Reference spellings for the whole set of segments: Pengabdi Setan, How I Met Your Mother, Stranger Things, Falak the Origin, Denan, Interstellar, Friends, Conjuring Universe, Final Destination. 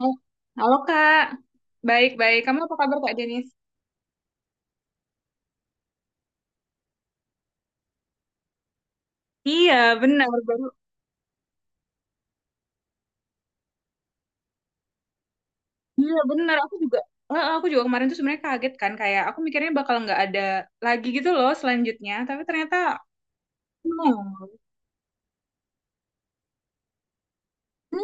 Oh, halo Kak. Baik-baik. Kamu apa kabar Kak Denis? Iya, benar. Baru. Iya, benar. Aku juga kemarin tuh sebenarnya kaget kan kayak aku mikirnya bakal nggak ada lagi gitu loh selanjutnya, tapi ternyata no. Ini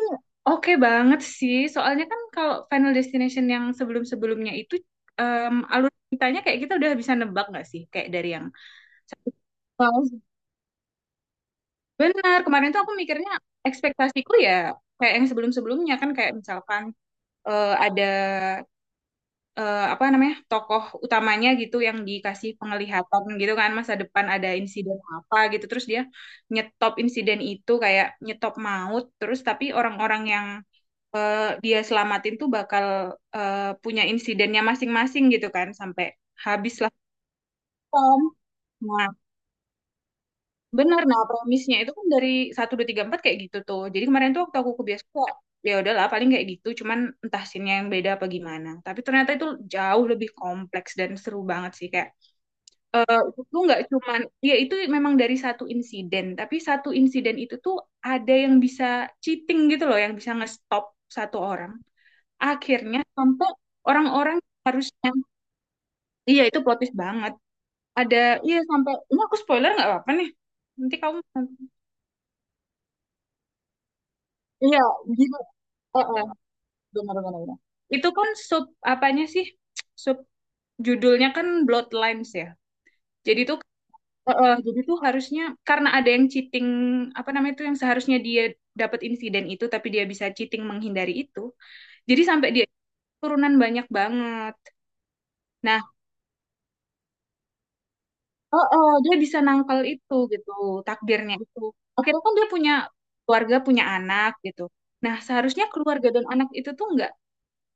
oke banget sih. Soalnya kan kalau Final Destination yang sebelum-sebelumnya itu alur ceritanya kayak kita udah bisa nebak nggak sih kayak dari yang satu. Wow. Benar, kemarin tuh aku mikirnya ekspektasiku ya kayak yang sebelum-sebelumnya kan kayak misalkan ada apa namanya tokoh utamanya gitu yang dikasih penglihatan gitu kan masa depan ada insiden apa gitu terus dia nyetop insiden itu kayak nyetop maut terus tapi orang-orang yang eh, dia selamatin tuh bakal punya insidennya masing-masing gitu kan sampai habislah film. Nah, benar. Nah, premisnya itu kan dari satu 2 3 4 kayak gitu tuh. Jadi kemarin tuh waktu aku ke bioskop, ya udahlah paling kayak gitu. Cuman entah scene yang beda apa gimana. Tapi ternyata itu jauh lebih kompleks dan seru banget sih. Kayak itu nggak cuman, ya itu memang dari satu insiden tapi satu insiden itu tuh ada yang bisa cheating gitu loh yang bisa ngestop satu orang akhirnya sampai orang-orang harusnya. Iya, itu plot twist banget. Ada, iya sampai ini aku spoiler nggak apa-apa nih nanti kamu iya gitu. Eh, eh, Benar benar benar. Itu kan sub apanya sih sub judulnya kan Bloodlines ya, jadi itu. Heeh, jadi tuh harusnya karena ada yang cheating apa namanya itu yang seharusnya dia dapat insiden itu tapi dia bisa cheating menghindari itu. Jadi sampai dia turunan banyak banget. Nah, heeh, dia bisa nangkal itu gitu takdirnya itu. Akhirnya kan dia punya keluarga punya anak gitu. Nah, seharusnya keluarga dan anak itu tuh nggak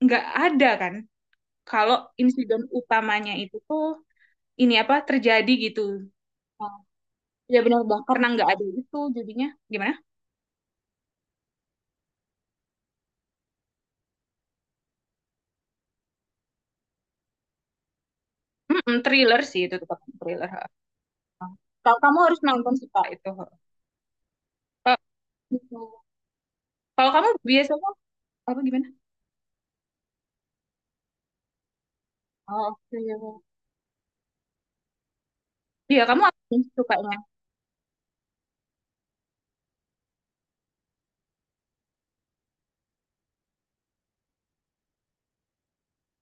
nggak ada kan kalau insiden utamanya itu tuh ini apa terjadi gitu. Nah, ya benar banget karena nggak ada itu jadinya gimana? Mm-mm, thriller sih itu tetap thriller. Kalau kamu harus nonton sih Pak itu. Ka- Gitu. Kalau kamu biasanya apa gimana? Oh, oke. Iya, kamu apa yang sukanya.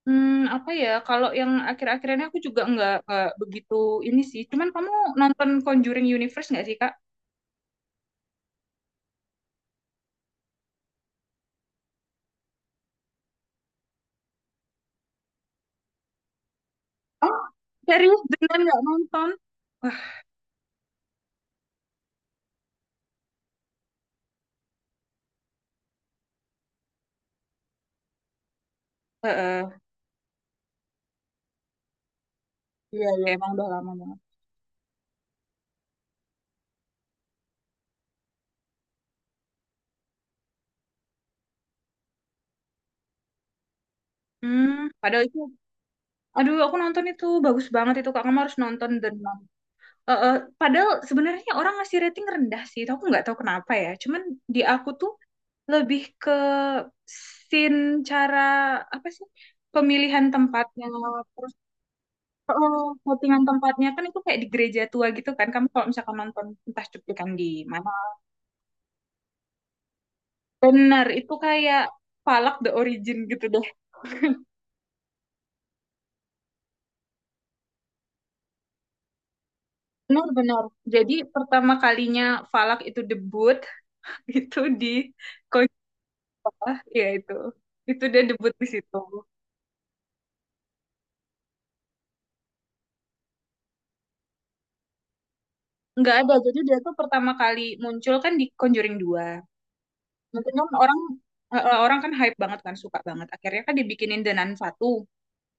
hmm, Apa ya? Kalau yang akhir-akhir ini aku juga nggak begitu ini sih. Cuman kamu nonton Conjuring Universe nggak sih, Kak? Oh, serius beneran nggak nonton? Wah, heeh. Iya, iya, emang udah lama banget. Hmm, padahal itu, aduh, aku nonton itu bagus banget itu Kak. Kamu harus nonton dan eh, eh, padahal sebenarnya orang ngasih rating rendah sih. Itu aku nggak tahu kenapa ya. Cuman di aku tuh lebih ke scene, cara, apa sih, pemilihan tempatnya, terus oh, settingan tempatnya kan itu kayak di gereja tua gitu kan, kamu kalau misalkan nonton entah cuplikan di mana benar itu kayak Falak the Origin gitu deh, benar-benar. Jadi pertama kalinya Falak itu debut itu di Koja, ya itu dia debut di situ. Nggak ada, jadi dia tuh pertama kali muncul kan di Conjuring dua. Mungkin kan orang kan hype banget kan suka banget. Akhirnya kan dibikinin Denan satu.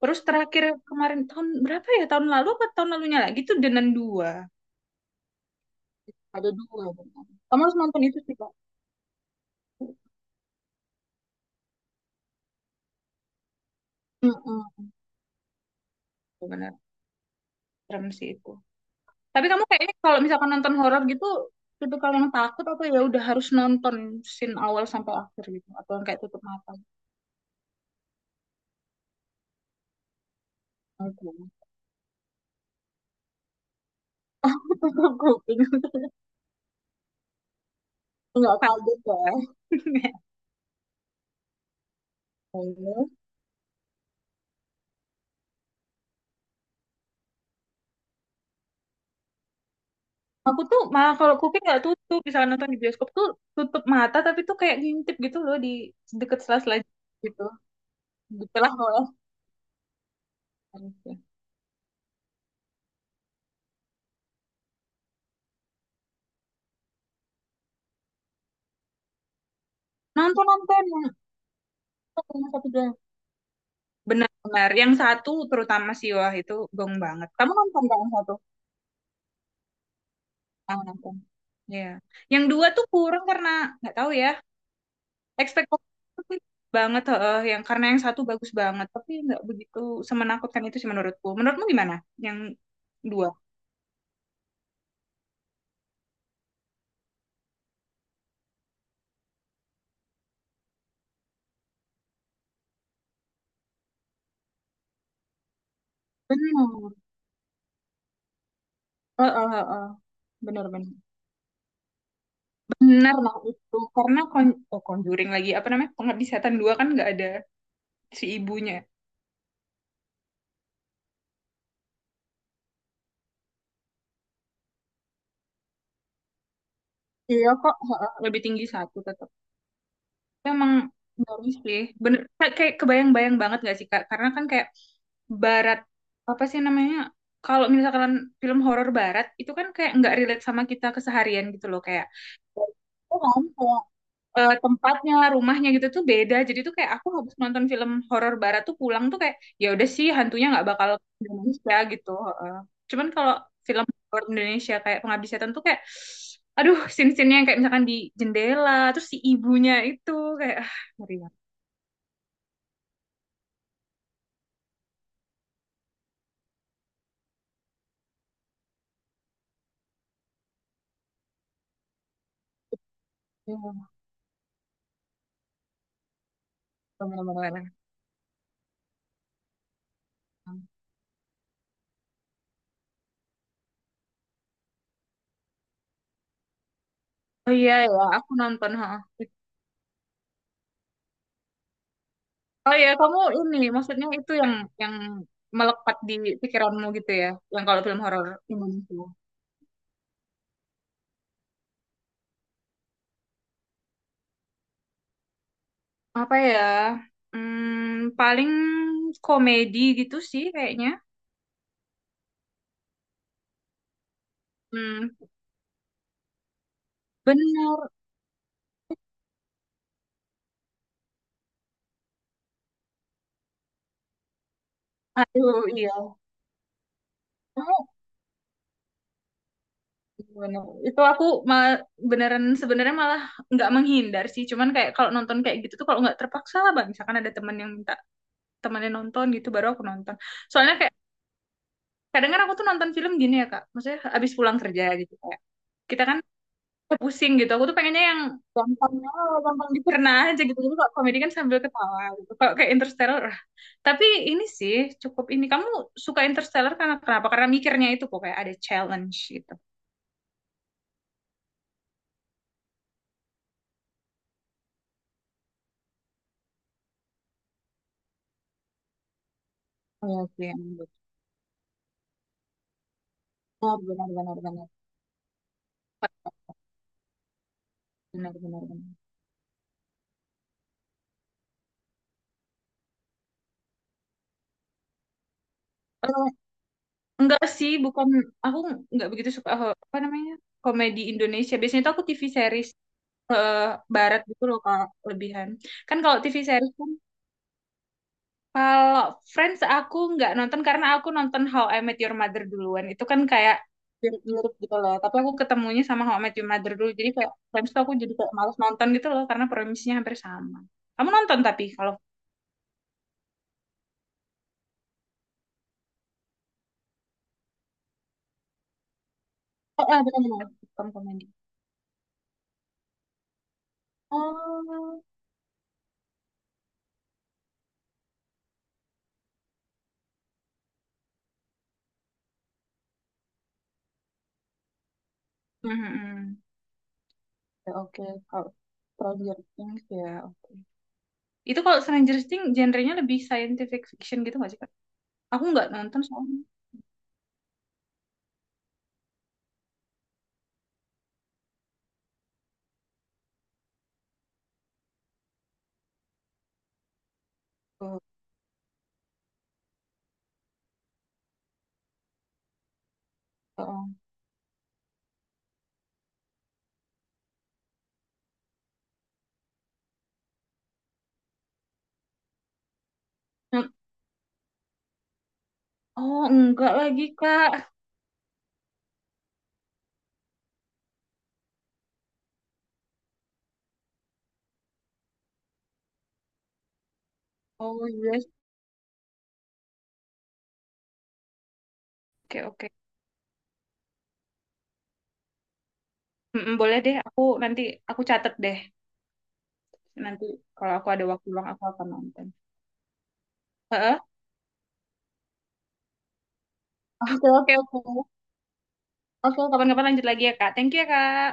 Terus terakhir kemarin tahun berapa ya? Tahun lalu apa tahun lalunya lagi tuh Denan dua. Ada dua. Denan. Kamu harus nonton itu sih Kak. Mm-mm. Benar, serem sih itu. Tapi kamu kayaknya kalau misalkan nonton horor gitu, itu kalau yang takut apa ya udah harus nonton scene awal sampai akhir gitu, atau yang kayak tutup mata. Oke. Tutup kuping. Enggak kaget ya. Lalu. Aku tuh malah kalau kuping nggak tutup, misalnya nonton di bioskop tuh tutup mata tapi tuh kayak ngintip gitu loh di deket sela-sela gitu, di oleh nonton nonton yang satu doang. Benar-benar yang satu terutama sih wah itu gong banget. Kamu nonton nggak yang satu? Ah nonton. Ya, yang dua tuh kurang karena nggak tahu ya ekspektasi tuh banget heeh, yang karena yang satu bagus banget tapi nggak begitu semenakutkan itu sih menurutku. Menurutmu gimana? Yang dua? Benar. Heeh, heeh. Benar, benar. Benar lah itu. Karena Conjuring lagi apa namanya? Pengabdi Setan 2 kan nggak ada si ibunya. Iya kok. Heeh, lebih tinggi satu tetap. Memang baru sih. Bener, kayak kayak kebayang-bayang banget gak sih, Kak? Karena kan kayak barat, apa sih namanya? Kalau misalkan film horor barat, itu kan kayak nggak relate sama kita keseharian gitu loh. Kayak, oh, kan? Kayak, eh, tempatnya, rumahnya gitu tuh beda. Jadi tuh kayak aku habis nonton film horor barat tuh pulang tuh kayak, ya udah sih hantunya nggak bakal ke Indonesia gitu. Heeh. Cuman kalau film luar Indonesia kayak Pengabdi Setan tuh kayak aduh scene-scene yang kayak misalkan di jendela terus si ibunya itu kayak ah ngeri banget. Ya, bener-bener. Oh iya ya, aku nonton ha. Oh iya kamu ini maksudnya itu yang melekat di pikiranmu gitu ya yang kalau film horor Indonesia apa ya, paling komedi gitu sih kayaknya. hmm, Bener. Aduh iya, kamu bener. Itu aku malah beneran sebenarnya malah nggak menghindar sih. Cuman kayak kalau nonton kayak gitu tuh kalau nggak terpaksa lah, Bang. Misalkan ada teman yang minta temannya nonton gitu baru aku nonton. Soalnya kayak kadang kan aku tuh nonton film gini ya, Kak. Maksudnya habis pulang kerja gitu kayak. Kita kan pusing gitu. Aku tuh pengennya yang gampangnya gampang dicerna aja gitu. Jadi kalau komedi kan sambil ketawa gitu. Kalau kayak Interstellar, ah. Tapi ini sih cukup ini. Kamu suka Interstellar karena kenapa? Karena mikirnya itu kok kayak ada challenge gitu. Iya sih. Benar, benar, benar, benar. Benar benar benar. Eh, enggak sih, bukan aku enggak begitu suka apa namanya? Komedi Indonesia. Biasanya tuh aku TV series eh, barat gitu loh kalau lebihan. Kan kalau TV series kan kalau Friends aku enggak nonton karena aku nonton How I Met Your Mother duluan. Itu kan kayak mirip-mirip gitu loh. Tapi aku ketemunya sama How I Met Your Mother dulu. Jadi kayak Friends tuh aku jadi kayak males nonton gitu loh karena premisnya hampir sama. Kamu nonton tapi kalau. Oh, bukan, bukan. Bukan komedi. Oh. Mhm. Ya, oke. Kalau project ini ya oke. Itu kalau Stranger Things genrenya lebih scientific fiction gitu nggak sih, Kak? Aku nggak nonton soalnya. Oh, oh. Hmm, Oh, enggak lagi, Kak. Oh, yes. Oke, oke. Mm-mm, boleh deh, aku nanti aku catat deh. Nanti kalau aku ada waktu luang aku akan nonton. Heeh. Oke, oke, oke. Oke, kapan-kapan lanjut lagi ya, Kak. Thank you ya, Kak.